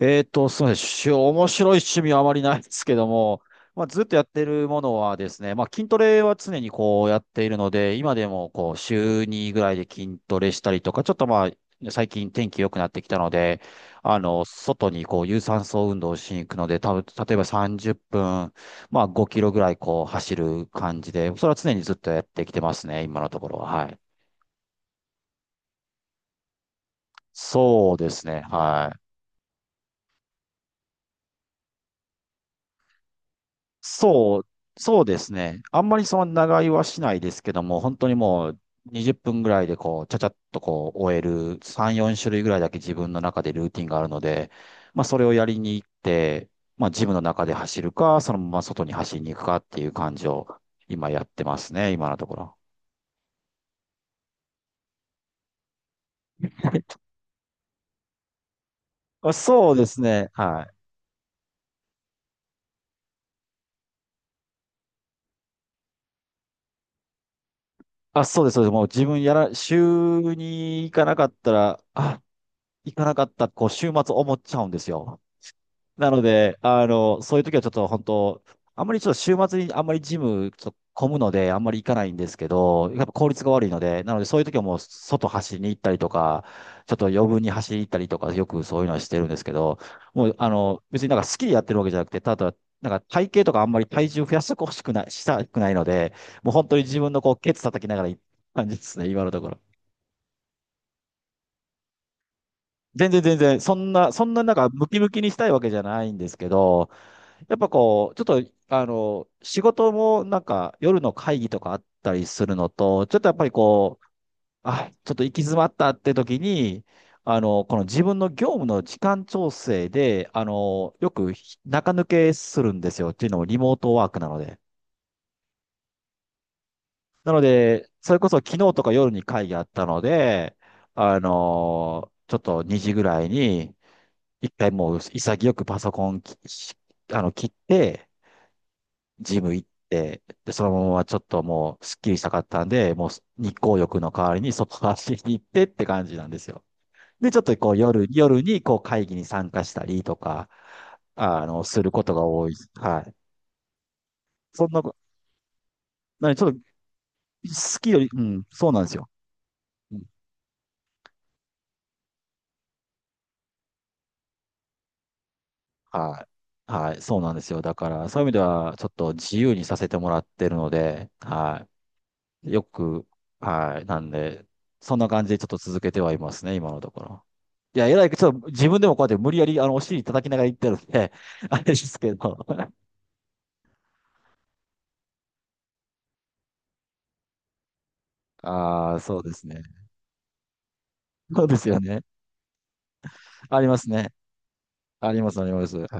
すみません。面白い趣味はあまりないですけども、ずっとやってるものはですね、筋トレは常にこうやっているので、今でもこう週2ぐらいで筋トレしたりとか、ちょっと最近天気良くなってきたので、外にこう有酸素運動をしに行くので、多分例えば30分、まあ5キロぐらいこう走る感じで、それは常にずっとやってきてますね、今のところは。はい。そうですね。はい。そう、そうですね。あんまりその長居はしないですけども、本当にもう20分ぐらいでこう、ちゃちゃっとこう、終える3、4種類ぐらいだけ自分の中でルーティンがあるので、まあそれをやりに行って、まあジムの中で走るか、そのまま外に走りに行くかっていう感じを今やってますね、今のところ。あ、そうですね。はい。あ、そうです、そうです。もう自分やら、週に行かなかったら、行かなかった、こう、週末思っちゃうんですよ。なので、そういう時はちょっと本当、あんまりちょっと週末にあんまりジムちょっと混むので、あんまり行かないんですけど、やっぱ効率が悪いので、なのでそういう時はもう外走りに行ったりとか、ちょっと余分に走りに行ったりとか、よくそういうのはしてるんですけど、もうあの、別になんか好きでやってるわけじゃなくて、ただ、なんか体型とかあんまり体重増やしてほしくない、したくないので、もう本当に自分のこう、ケツ叩きながら行った感じですね、今のところ。全然全然、そんななんかムキムキにしたいわけじゃないんですけど、やっぱこう、ちょっと、仕事もなんか夜の会議とかあったりするのと、ちょっとやっぱりこう、ちょっと行き詰まったって時に、この自分の業務の時間調整で、よく中抜けするんですよ。っていうのもリモートワークなので。なので、それこそ昨日とか夜に会議あったので、ちょっと2時ぐらいに、一回もう潔くパソコンき、あの、切って、ジム行って、で、そのままちょっともう、すっきりしたかったんで、もう日光浴の代わりに外走りに行ってって感じなんですよ。で、ちょっとこう夜にこう会議に参加したりとか、することが多いです。はい。そんな、なにちょっと、好きより、うん、そうなんですよ。うんはい。はい、そうなんですよ。だから、そういう意味では、ちょっと自由にさせてもらってるので、はい。よく、はい。なんで、そんな感じでちょっと続けてはいますね、今のところ。いや、えらい、ちょっと自分でもこうやって無理やり、お尻叩きながら言ってるんで、あれですけど。ああ、そうですね。そうですよね。ありますね。あります、あります。はい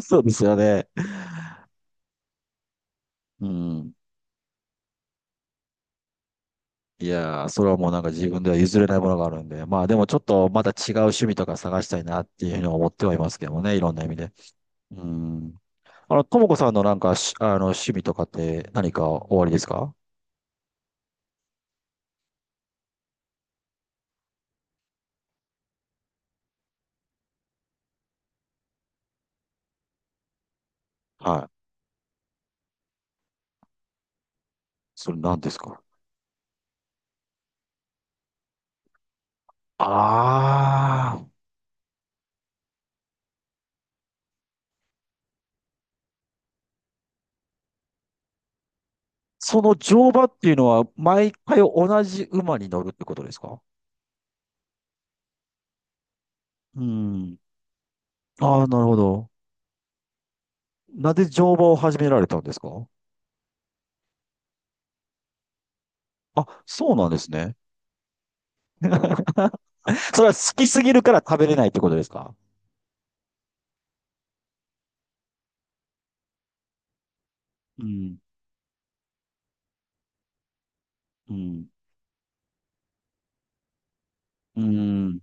そうですよね。うん。いやー、それはもうなんか自分では譲れないものがあるんで、まあでもちょっとまた違う趣味とか探したいなっていうふうに思ってはいますけどもね、いろんな意味で。うん。あの、ともこさんのなんかし、あの、趣味とかって何かおありですか。はい。それ何ですか。ああー。その乗馬っていうのは、毎回同じ馬に乗るってことですか。うん。ああ、なるほど。なぜ乗馬を始められたんですか。あ、そうなんですね。それは好きすぎるから食べれないってことですか。うん、うん、うん、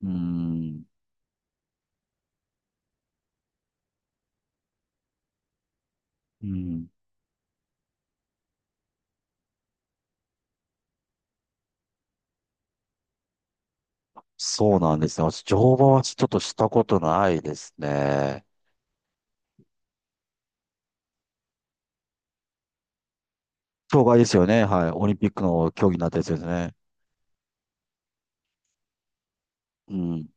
うん、うん。そうなんですね。私、乗馬はちょっとしたことないですね。障害ですよね。はい。オリンピックの競技になったやつですね。うん。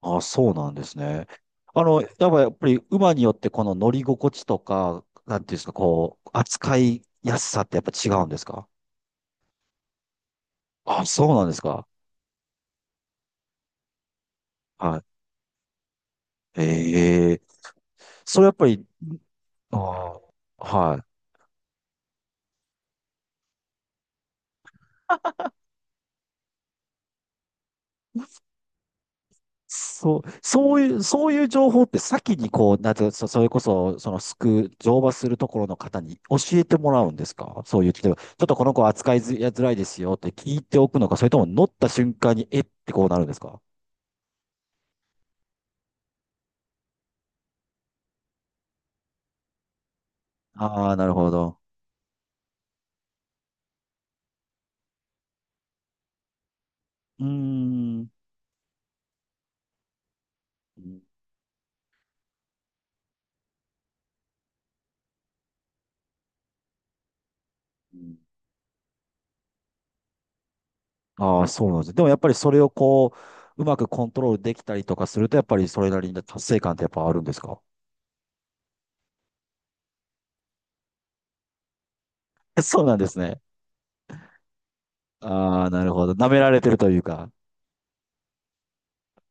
あ、そうなんですね。あの、やっぱり馬によってこの乗り心地とか、なんていうんですか、こう、扱いやすさってやっぱ違うんですか。あ、そうなんですか。はい。ええ。それやっぱり、ああ、はい。そう、そういう、そういう情報って先にこう、なんていうか、それこそ、乗馬するところの方に教えてもらうんですか。そういう、例えば、ちょっとこの子扱いづらいですよって聞いておくのか、それとも乗った瞬間に、えってこうなるんですか。ああー、なるほど。うーん。うん。ああ、そうなんですね。でもやっぱりそれをこう、うまくコントロールできたりとかすると、やっぱりそれなりの達成感ってやっぱあるんですか。 そうなんですね。ああ、なるほど。舐められてるというか。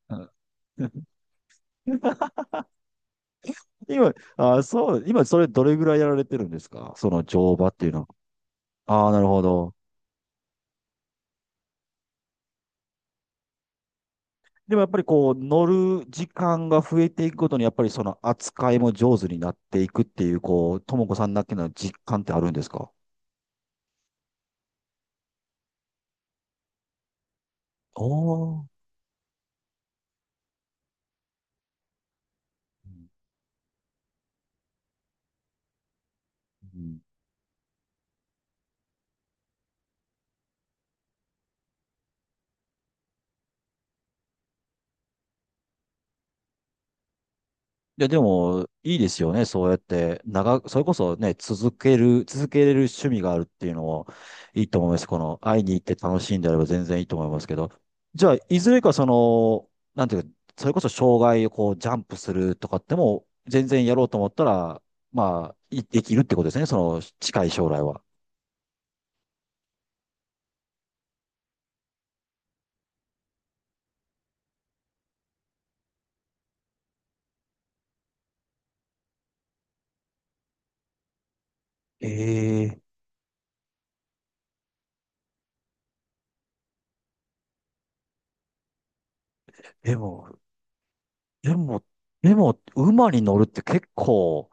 うん。 今、あー、そう、今それどれぐらいやられてるんですかその乗馬っていうのは。ああ、なるほど。でもやっぱりこう、乗る時間が増えていくごとに、やっぱりその扱いも上手になっていくっていう、こう、ともこさんだけの実感ってあるんですか。おー。うん。いや、でも、いいですよね。そうやって、長く、それこそね、続けれる趣味があるっていうのもいいと思います。この、会いに行って楽しいんであれば全然いいと思いますけど。じゃあ、いずれかその、なんていうか、それこそ障害をこう、ジャンプするとかっても、全然やろうと思ったら、まあ、いできるってことですね。その、近い将来は。ええ。でも、でも、でも、馬に乗るって結構、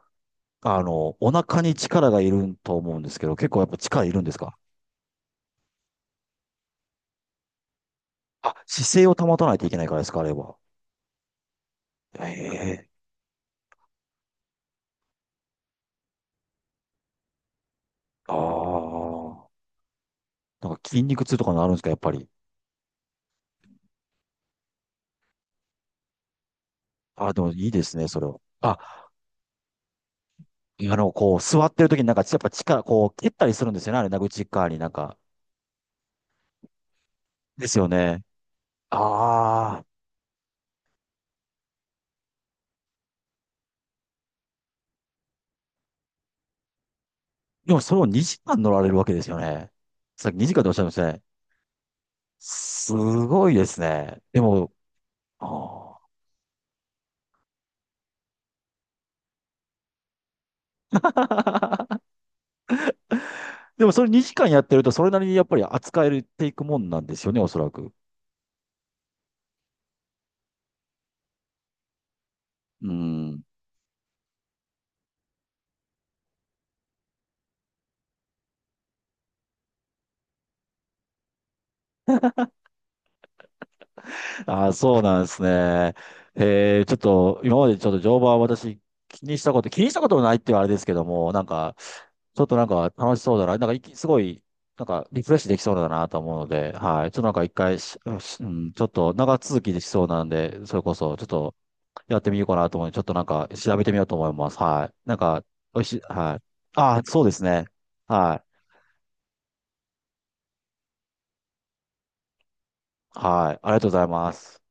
お腹に力がいると思うんですけど、結構やっぱ力いるんですか。あ、姿勢を保たないといけないからですか、あれは。へえ。ああ。なんか筋肉痛とかなるんですか、やっぱり。あ、でもいいですね、それは。あの、こう、座ってる時になんか、やっぱ力、こう、蹴ったりするんですよね、あれ、なんか内側になんか。ですよね。ああ。でもそれを2時間乗られるわけですよね。さっき2時間でおっしゃいましたね。すごいですね。でも、ああ。でもそれ2時間やってると、それなりにやっぱり扱えるていくもんなんですよね、おそらく。うん。ああ、そうなんですね。えー、ちょっと、今までちょっと乗馬は私気にしたこともないって言うあれですけども、なんか、ちょっとなんか楽しそうだな、なんかいきすごい、なんかリフレッシュできそうだなと思うので、はい。ちょっとなんか一回し、しうん、ちょっと長続きできそうなんで、それこそちょっとやってみようかなと思うので、ちょっとなんか調べてみようと思います。はい。なんか、おいしい、はい。ああ、そうですね。はい。はい。ありがとうございます。